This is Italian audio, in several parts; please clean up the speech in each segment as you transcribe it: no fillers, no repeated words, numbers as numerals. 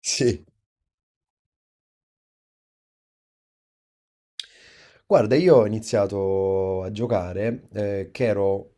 Sì, guarda, io ho iniziato a giocare che ero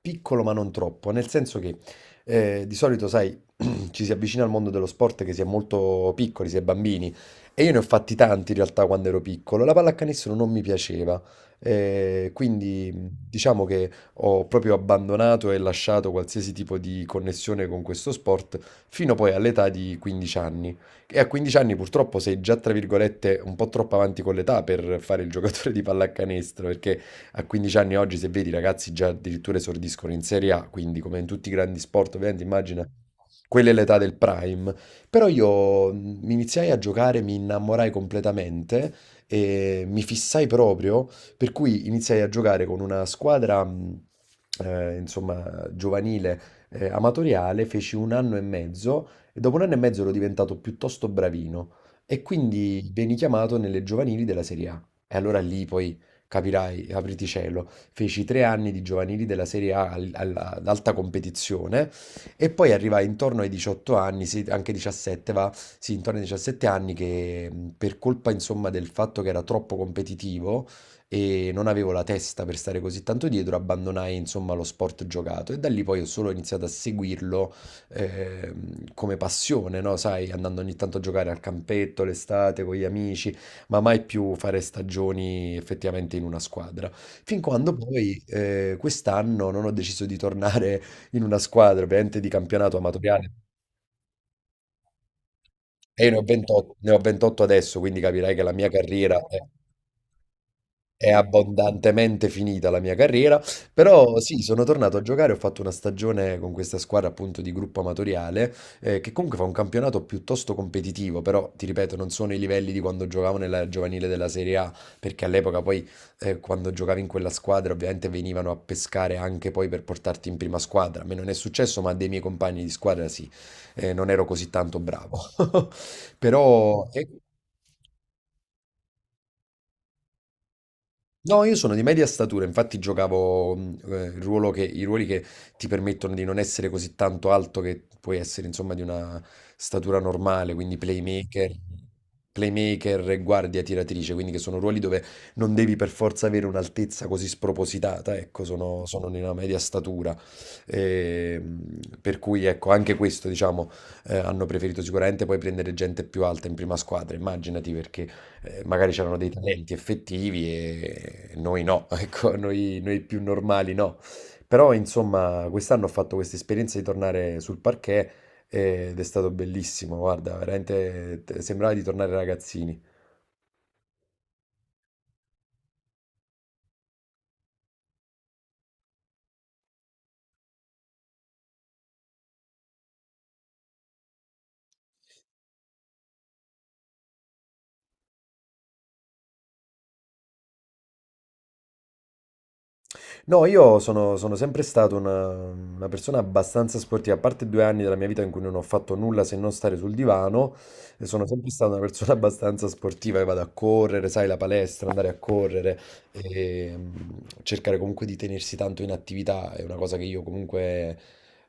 piccolo ma non troppo, nel senso che di solito, sai, ci si avvicina al mondo dello sport che si è molto piccoli, si è bambini, e io ne ho fatti tanti in realtà quando ero piccolo. La pallacanestro non mi piaceva, quindi diciamo che ho proprio abbandonato e lasciato qualsiasi tipo di connessione con questo sport fino poi all'età di 15 anni. E a 15 anni purtroppo sei già, tra virgolette, un po' troppo avanti con l'età per fare il giocatore di pallacanestro, perché a 15 anni oggi, se vedi, i ragazzi già addirittura esordiscono in Serie A, quindi come in tutti i grandi sport, ovviamente immagina, quella è l'età del prime. Però io mi iniziai a giocare, mi innamorai completamente e mi fissai proprio, per cui iniziai a giocare con una squadra, insomma, giovanile, amatoriale, feci un anno e mezzo e dopo un anno e mezzo ero diventato piuttosto bravino e quindi veni chiamato nelle giovanili della Serie A. E allora lì poi capirai, apriti cielo, feci tre anni di giovanili della Serie A ad alta competizione e poi arrivai intorno ai 18 anni, sì, anche 17 va, sì, intorno ai 17 anni che per colpa insomma del fatto che era troppo competitivo e non avevo la testa per stare così tanto dietro, abbandonai insomma lo sport giocato e da lì poi ho solo iniziato a seguirlo eh, come passione, no? Sai, andando ogni tanto a giocare al campetto l'estate con gli amici, ma mai più fare stagioni effettivamente in una squadra. Fin quando poi quest'anno non ho deciso di tornare in una squadra, ovviamente di campionato amatoriale. E io ne ho 28, ne ho 28 adesso, quindi capirai che la mia carriera è... È abbondantemente finita la mia carriera, però sì, sono tornato a giocare, ho fatto una stagione con questa squadra appunto di gruppo amatoriale, che comunque fa un campionato piuttosto competitivo, però ti ripeto, non sono i livelli di quando giocavo nella giovanile della Serie A, perché all'epoca poi quando giocavi in quella squadra ovviamente venivano a pescare anche poi per portarti in prima squadra. A me non è successo, ma a dei miei compagni di squadra sì. Non ero così tanto bravo. Però... No, io sono di media statura, infatti giocavo il i ruoli che ti permettono di non essere così tanto alto che puoi essere insomma di una statura normale, quindi playmaker e guardia tiratrice, quindi che sono ruoli dove non devi per forza avere un'altezza così spropositata, ecco, sono di una media statura. E, per cui ecco, anche questo diciamo hanno preferito sicuramente poi prendere gente più alta in prima squadra, immaginati perché magari c'erano dei talenti effettivi e noi no, ecco, noi più normali no. Però insomma, quest'anno ho fatto questa esperienza di tornare sul parquet ed è stato bellissimo, guarda, veramente sembrava di tornare ragazzini. No, sono sempre stato una persona abbastanza sportiva, a parte due anni della mia vita in cui non ho fatto nulla se non stare sul divano, e sono sempre stata una persona abbastanza sportiva, che vado a correre, sai, la palestra, andare a correre, e cercare comunque di tenersi tanto in attività è una cosa che io comunque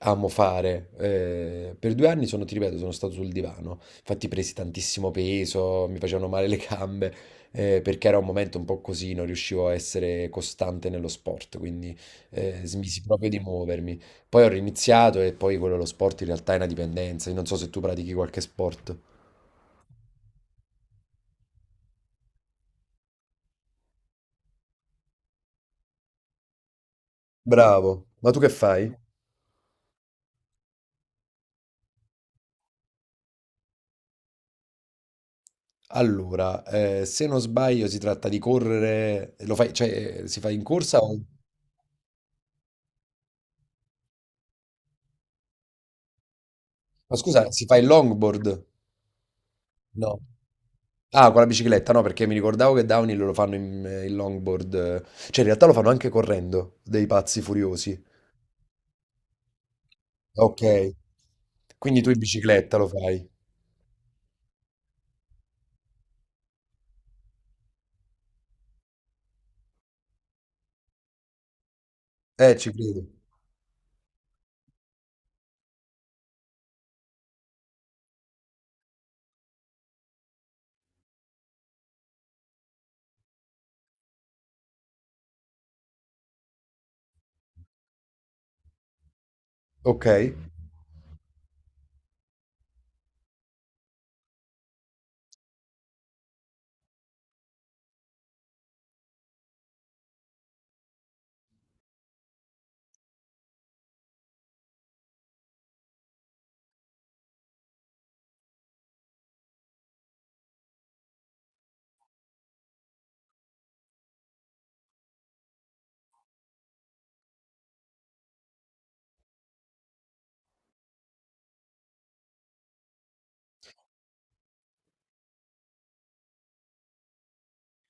amo fare. Per due anni ti ripeto, sono stato sul divano, infatti presi tantissimo peso, mi facevano male le gambe, perché era un momento un po' così, non riuscivo a essere costante nello sport, quindi smisi proprio di muovermi. Poi ho riniziato e poi quello lo sport in realtà è una dipendenza. Io non so se tu pratichi qualche sport. Bravo, ma tu che fai? Allora, se non sbaglio si tratta di correre, lo fai, cioè si fa in corsa o... Ma scusa, si fa il longboard? No. Ah, con la bicicletta, no, perché mi ricordavo che downhill lo fanno in, in longboard, cioè in realtà lo fanno anche correndo, dei pazzi furiosi. Ok. Quindi tu in bicicletta lo fai? Ci credo. Ok.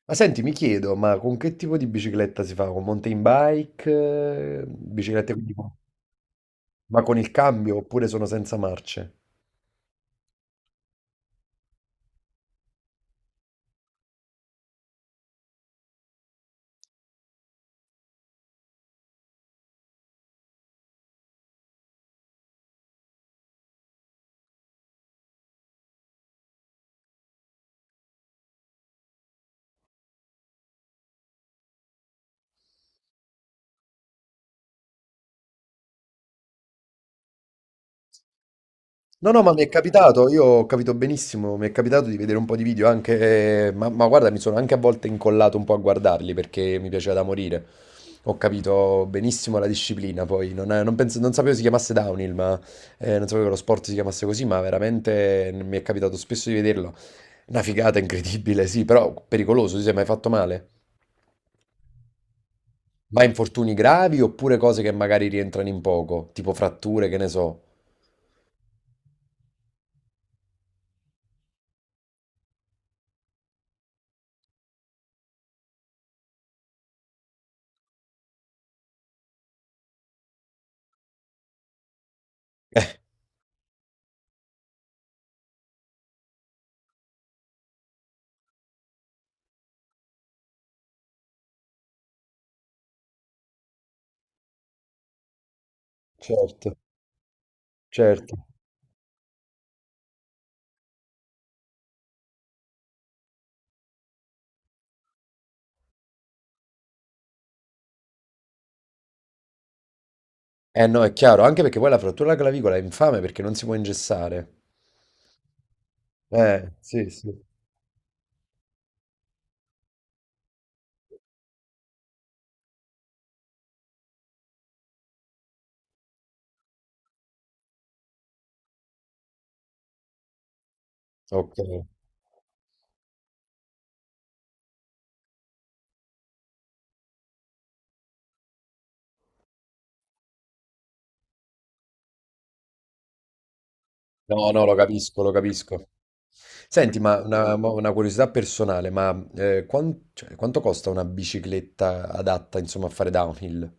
Ma senti, mi chiedo, ma con che tipo di bicicletta si fa? Con mountain bike? Eh, biciclette ma con il cambio oppure sono senza marce? No, no, ma mi è capitato, io ho capito benissimo, mi è capitato di vedere un po' di video anche, ma guarda, mi sono anche a volte incollato un po' a guardarli perché mi piaceva da morire. Ho capito benissimo la disciplina, poi non sapevo si chiamasse downhill, ma non sapevo che lo sport si chiamasse così, ma veramente mi è capitato spesso di vederlo. Una figata incredibile, sì, però pericoloso, ti sei mai fatto male? Ma infortuni gravi oppure cose che magari rientrano in poco, tipo fratture, che ne so. Certo, certo. Eh no, è chiaro, anche perché poi la frattura alla clavicola è infame perché non si può ingessare. Sì, sì. Ok. No, no, lo capisco, lo capisco. Senti, ma una curiosità personale, ma cioè, quanto costa una bicicletta adatta, insomma, a fare downhill?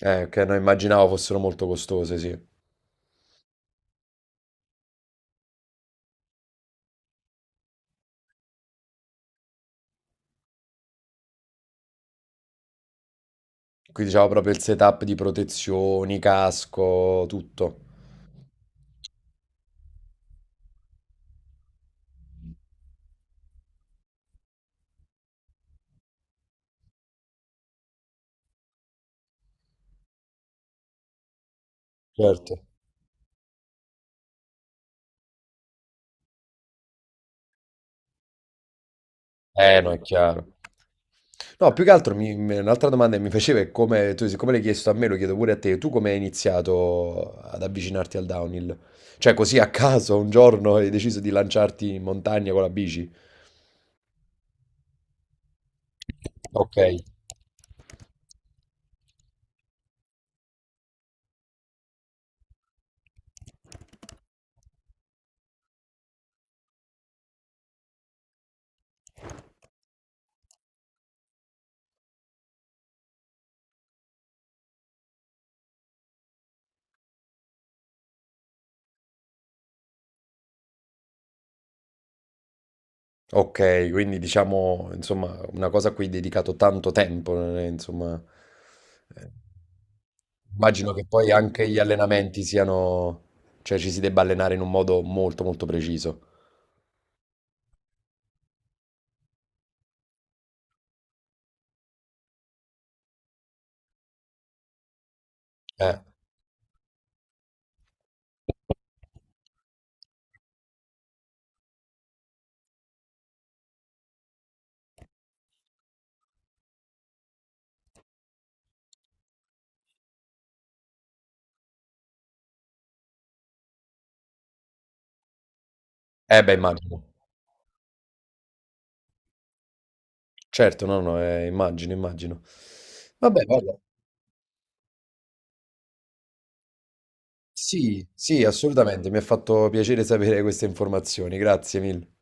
Che non immaginavo fossero molto costose, sì. Qui diciamo proprio il setup di protezioni, casco, tutto. Certo. No, è chiaro. No, più che altro un'altra domanda che mi faceva è come, tu, siccome l'hai chiesto a me, lo chiedo pure a te, tu come hai iniziato ad avvicinarti al downhill? Cioè così a caso un giorno hai deciso di lanciarti in montagna con la bici? Ok. Ok, quindi diciamo, insomma, una cosa a cui hai dedicato tanto tempo, non è, insomma, eh, immagino che poi anche gli allenamenti siano, cioè ci si debba allenare in un modo molto molto preciso. Eh, eh beh, immagino. Certo, no, no, immagino, immagino. Vabbè, guarda, sì, sì, assolutamente, mi ha fatto piacere sapere queste informazioni, grazie mille.